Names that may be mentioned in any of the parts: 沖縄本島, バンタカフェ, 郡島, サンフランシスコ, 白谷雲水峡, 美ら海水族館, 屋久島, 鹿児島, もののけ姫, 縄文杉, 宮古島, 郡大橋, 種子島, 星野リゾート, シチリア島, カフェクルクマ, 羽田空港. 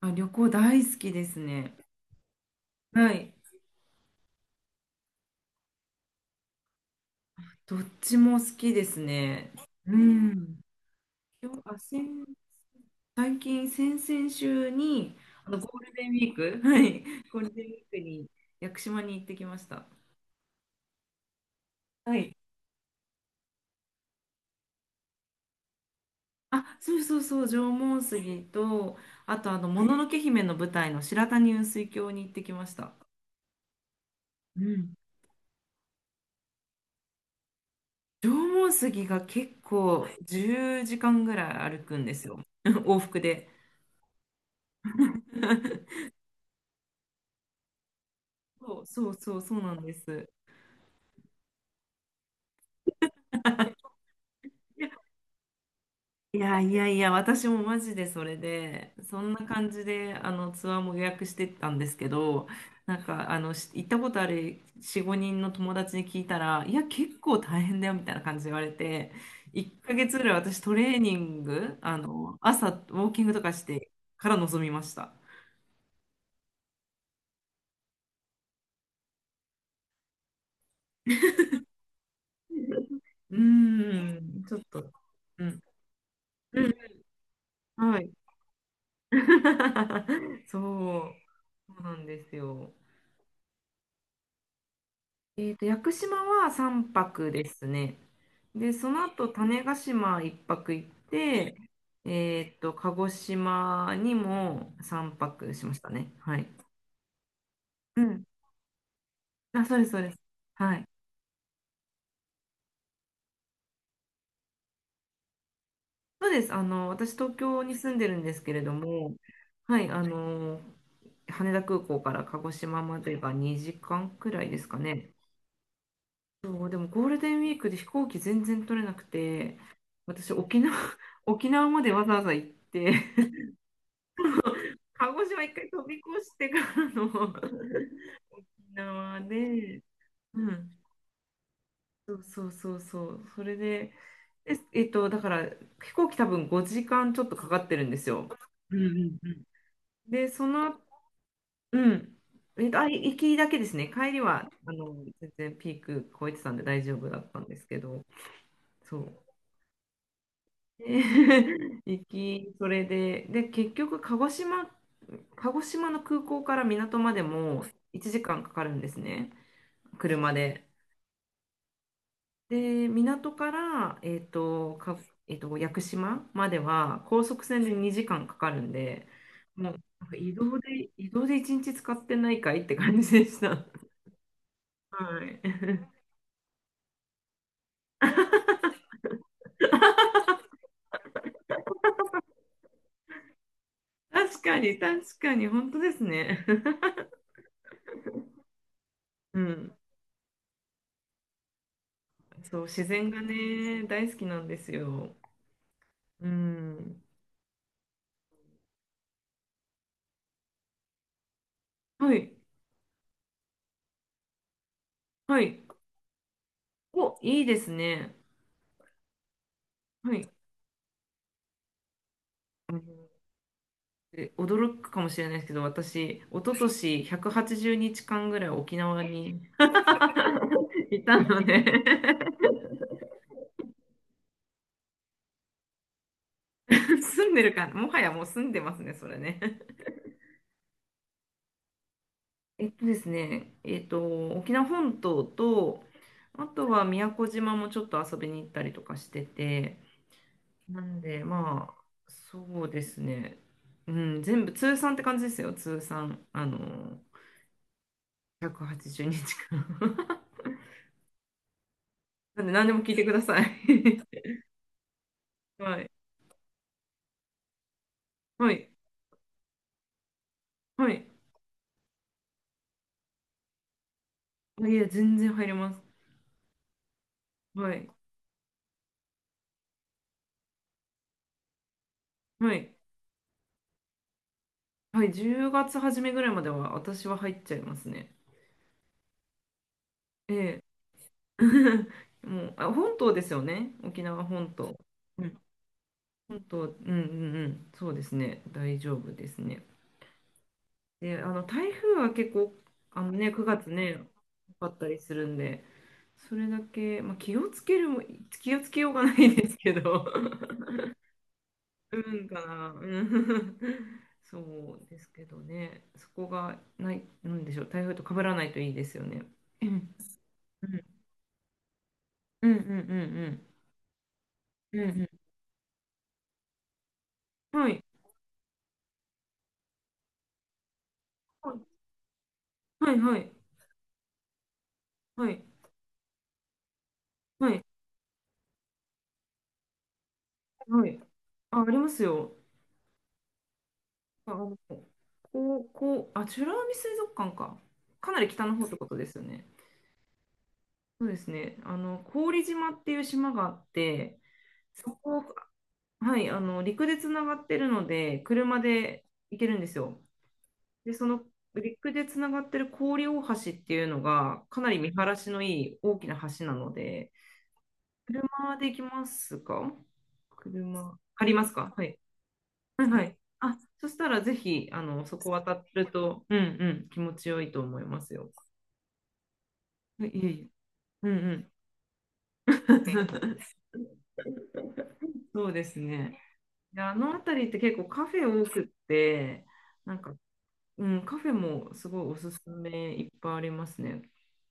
あ、旅行大好きですね。はい。どっちも好きですね。うん。今日、あ、先、最近、先々週に、ゴールデンウィーク、はい。ゴールデンウィークに屋久島に行ってきました。はい。あ、そうそうそう、縄文杉と、あと、もののけ姫の舞台の白谷雲水峡に行ってきました。うん。縄文杉が結構10時間ぐらい歩くんですよ。往復で。そうそうそうそうなんです。いやいやいや、私もマジでそれで、そんな感じであのツアーも予約してたんですけど、なんかあのし行ったことある4、5人の友達に聞いたら、いや、結構大変だよみたいな感じで言われて、1ヶ月ぐらい私トレーニング、朝ウォーキングとかしてから臨みました。うーん、ちょっと。うん、うん、はい。そう、そうなんですよ。屋久島は3泊ですね。で、その後、種子島1泊行って、鹿児島にも3泊しましたね。はい。うん。あ、そうです、そうです。はい。そうです。私、東京に住んでるんですけれども、はい、羽田空港から鹿児島までが2時間くらいですかね。そう、でもゴールデンウィークで飛行機全然取れなくて、私、沖縄、沖縄までわざわざ行って、鹿児島一回飛び越してからの 沖縄で、うん、そうそうそうそう、それで、だから飛行機多分5時間ちょっとかかってるんですよ。うんうんうん。で、うん、行きだけですね。帰りは全然ピーク超えてたんで大丈夫だったんですけど、そう。で 行き、それで、結局鹿児島の空港から港までも1時間かんかかるんですね。車で。で、港から、えっと、か、えっと、屋久島までは高速船で2時間かかるんで、もうなんか移動で1日使ってないかいって感じでした。はい。確かに、確かに、本当ですね。うん。そう、自然がね、大好きなんですよ。うん。はい、はい。お、いいですね。はい。で驚くかもしれないですけど、私、一昨年180日間ぐらい沖縄に いたので 住んでるか、もはやもう住んでますね、それね。ですね、沖縄本島と、あとは宮古島もちょっと遊びに行ったりとかしてて、なんで、まあ、そうですね、うん、全部通算って感じですよ。通算、180日間 なんで、何でも聞いてください。 はい。はい。はい。あいや、全然入れます。はい。はい。はい。10月初めぐらいまでは私は入っちゃいますね。ええ。もう、あ、本島ですよね。沖縄本島。うん。本島、うんうんうん。そうですね。大丈夫ですね。で、台風は結構、9月ね、多かったりするんで、それだけ、まあ、気をつけるも、気をつけようがないですけど、うんかな。うん そうですけどね。そこがない、なんでしょう。台風と被らないといいですよね。うん。うんうんうんうんうん。うんうん。はい。はいはいはい。はい。はい。あ、ありますよ。あ、美ら海水族館か。かなり北の方ってことですよね。そうですね。郡島っていう島があって、そこ、はい、陸でつながってるので、車で行けるんですよ。で、その陸でつながってる郡大橋っていうのが、かなり見晴らしのいい大きな橋なので、車で行きますか？車、借りますか？はい。はいはい。あ、そしたらぜひ、そこ渡ると、うんうん、気持ちよいと思いますよ。いえいえ。うんうん。そうですね。で、あの辺りって結構カフェ多くって、なんかうん、カフェもすごいおすすめいっぱいありますね。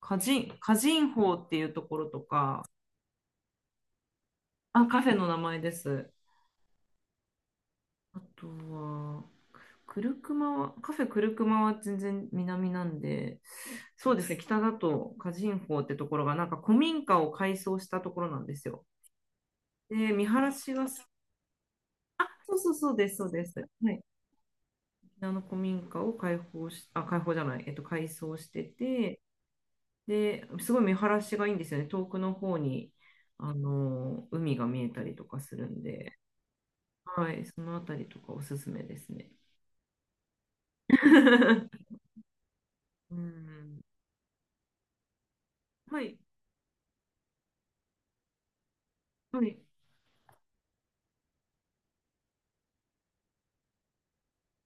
カジンホーっていうところとか、あ、カフェの名前です。あとは、クルクマは、カフェクルクマは全然南なんで、そうですね、北だとカジンホーってところが、なんか古民家を改装したところなんですよ。で、見晴らしがす、そうそうそうです、そうです。はい。沖縄の古民家を開放し、あ、開放じゃない、改装してて、で、すごい見晴らしがいいんですよね。遠くの方に、海が見えたりとかするんで、はい、そのあたりとかおすすめですね。うん。はい、はい。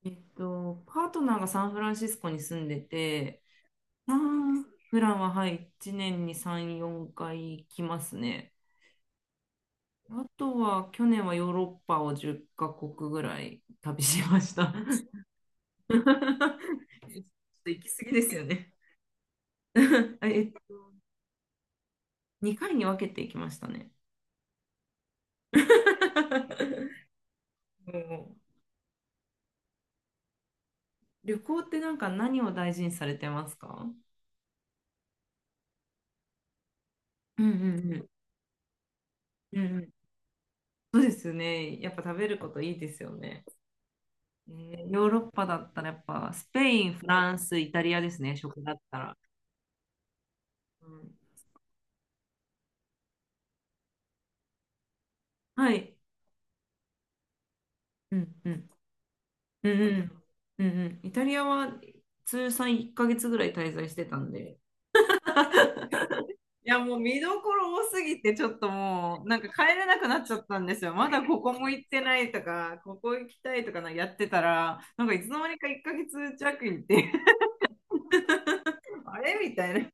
パートナーがサンフランシスコに住んでて、ああ、普段は、はい、1年に3、4回来ますね。あとは、去年はヨーロッパを10カ国ぐらい旅しました。ちょっと行き過ぎですよね。あえ2回に分けていきましたね。うん旅行ってなんか何を大事にされてますか？うんうんうん。うんうん。そうですよね。やっぱ食べることいいですよね。ヨーロッパだったらやっぱスペイン、フランス、イタリアですね、食だったら。うん、はい。うんうん。うんうん。うんうん。イタリアは通算1ヶ月ぐらい滞在してたんで、いや、もう見どころ多すぎて、ちょっともう、なんか帰れなくなっちゃったんですよ。まだここも行ってないとか、ここ行きたいとかなやってたら、なんかいつの間にか1ヶ月弱行って、あれみたいな。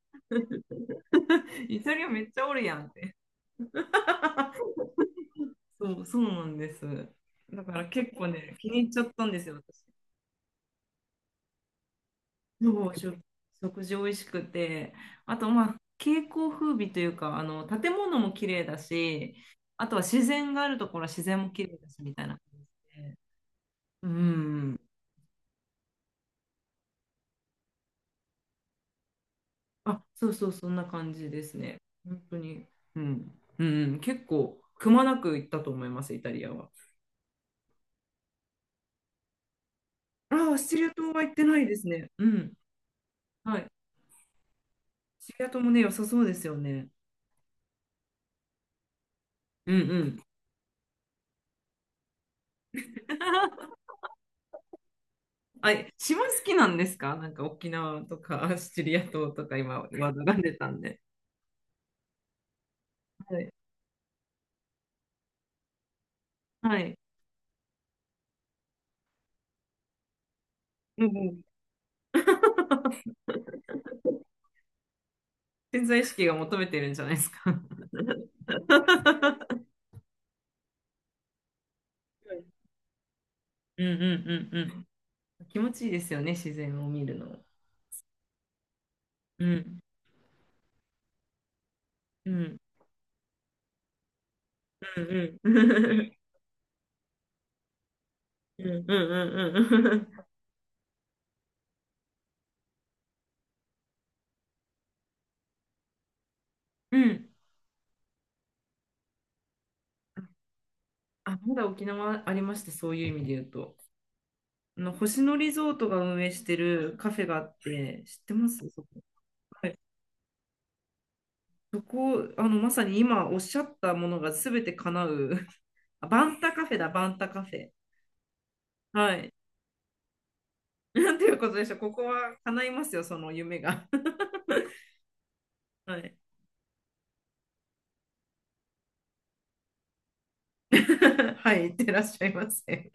イタリアめっちゃおるやんって。そう、そうなんです。だから結構ね、気に入っちゃったんですよ、私。そう、食事美味しくて。あと、まあ、景観風美というか、建物も綺麗だし、あとは自然があるところは自然も綺麗だし、みたいな感じで。うん。あ、そうそう、そんな感じですね。本当に。うん。うん、結構、くまなく行ったと思います、イタリアは。ああ、シチリア島は行ってないですね。うん。はい。シチリア島もね、良さそうですよね。うんうん。あ、島好きなんですか？なんか沖縄とかシチリア島とか今、話題が出たんで。はい。はい。うんうん。潜在意識が求めてるんじゃないですか？はい、うんうんうんうん。気持ちいいですよね、自然を見るの。うん。うん。うんうん。うんうんうんうん。うん。あ、まだ沖縄ありました、そういう意味で言うと。あの星野リゾートが運営してるカフェがあって、知ってますそこ？はい、そこまさに今おっしゃったものが全て叶う。あ、バンタカフェだ、バンタカフェ。はい。なんていうことでしょう。ここは叶いますよ、その夢が。はい。はい、いってらっしゃいませ。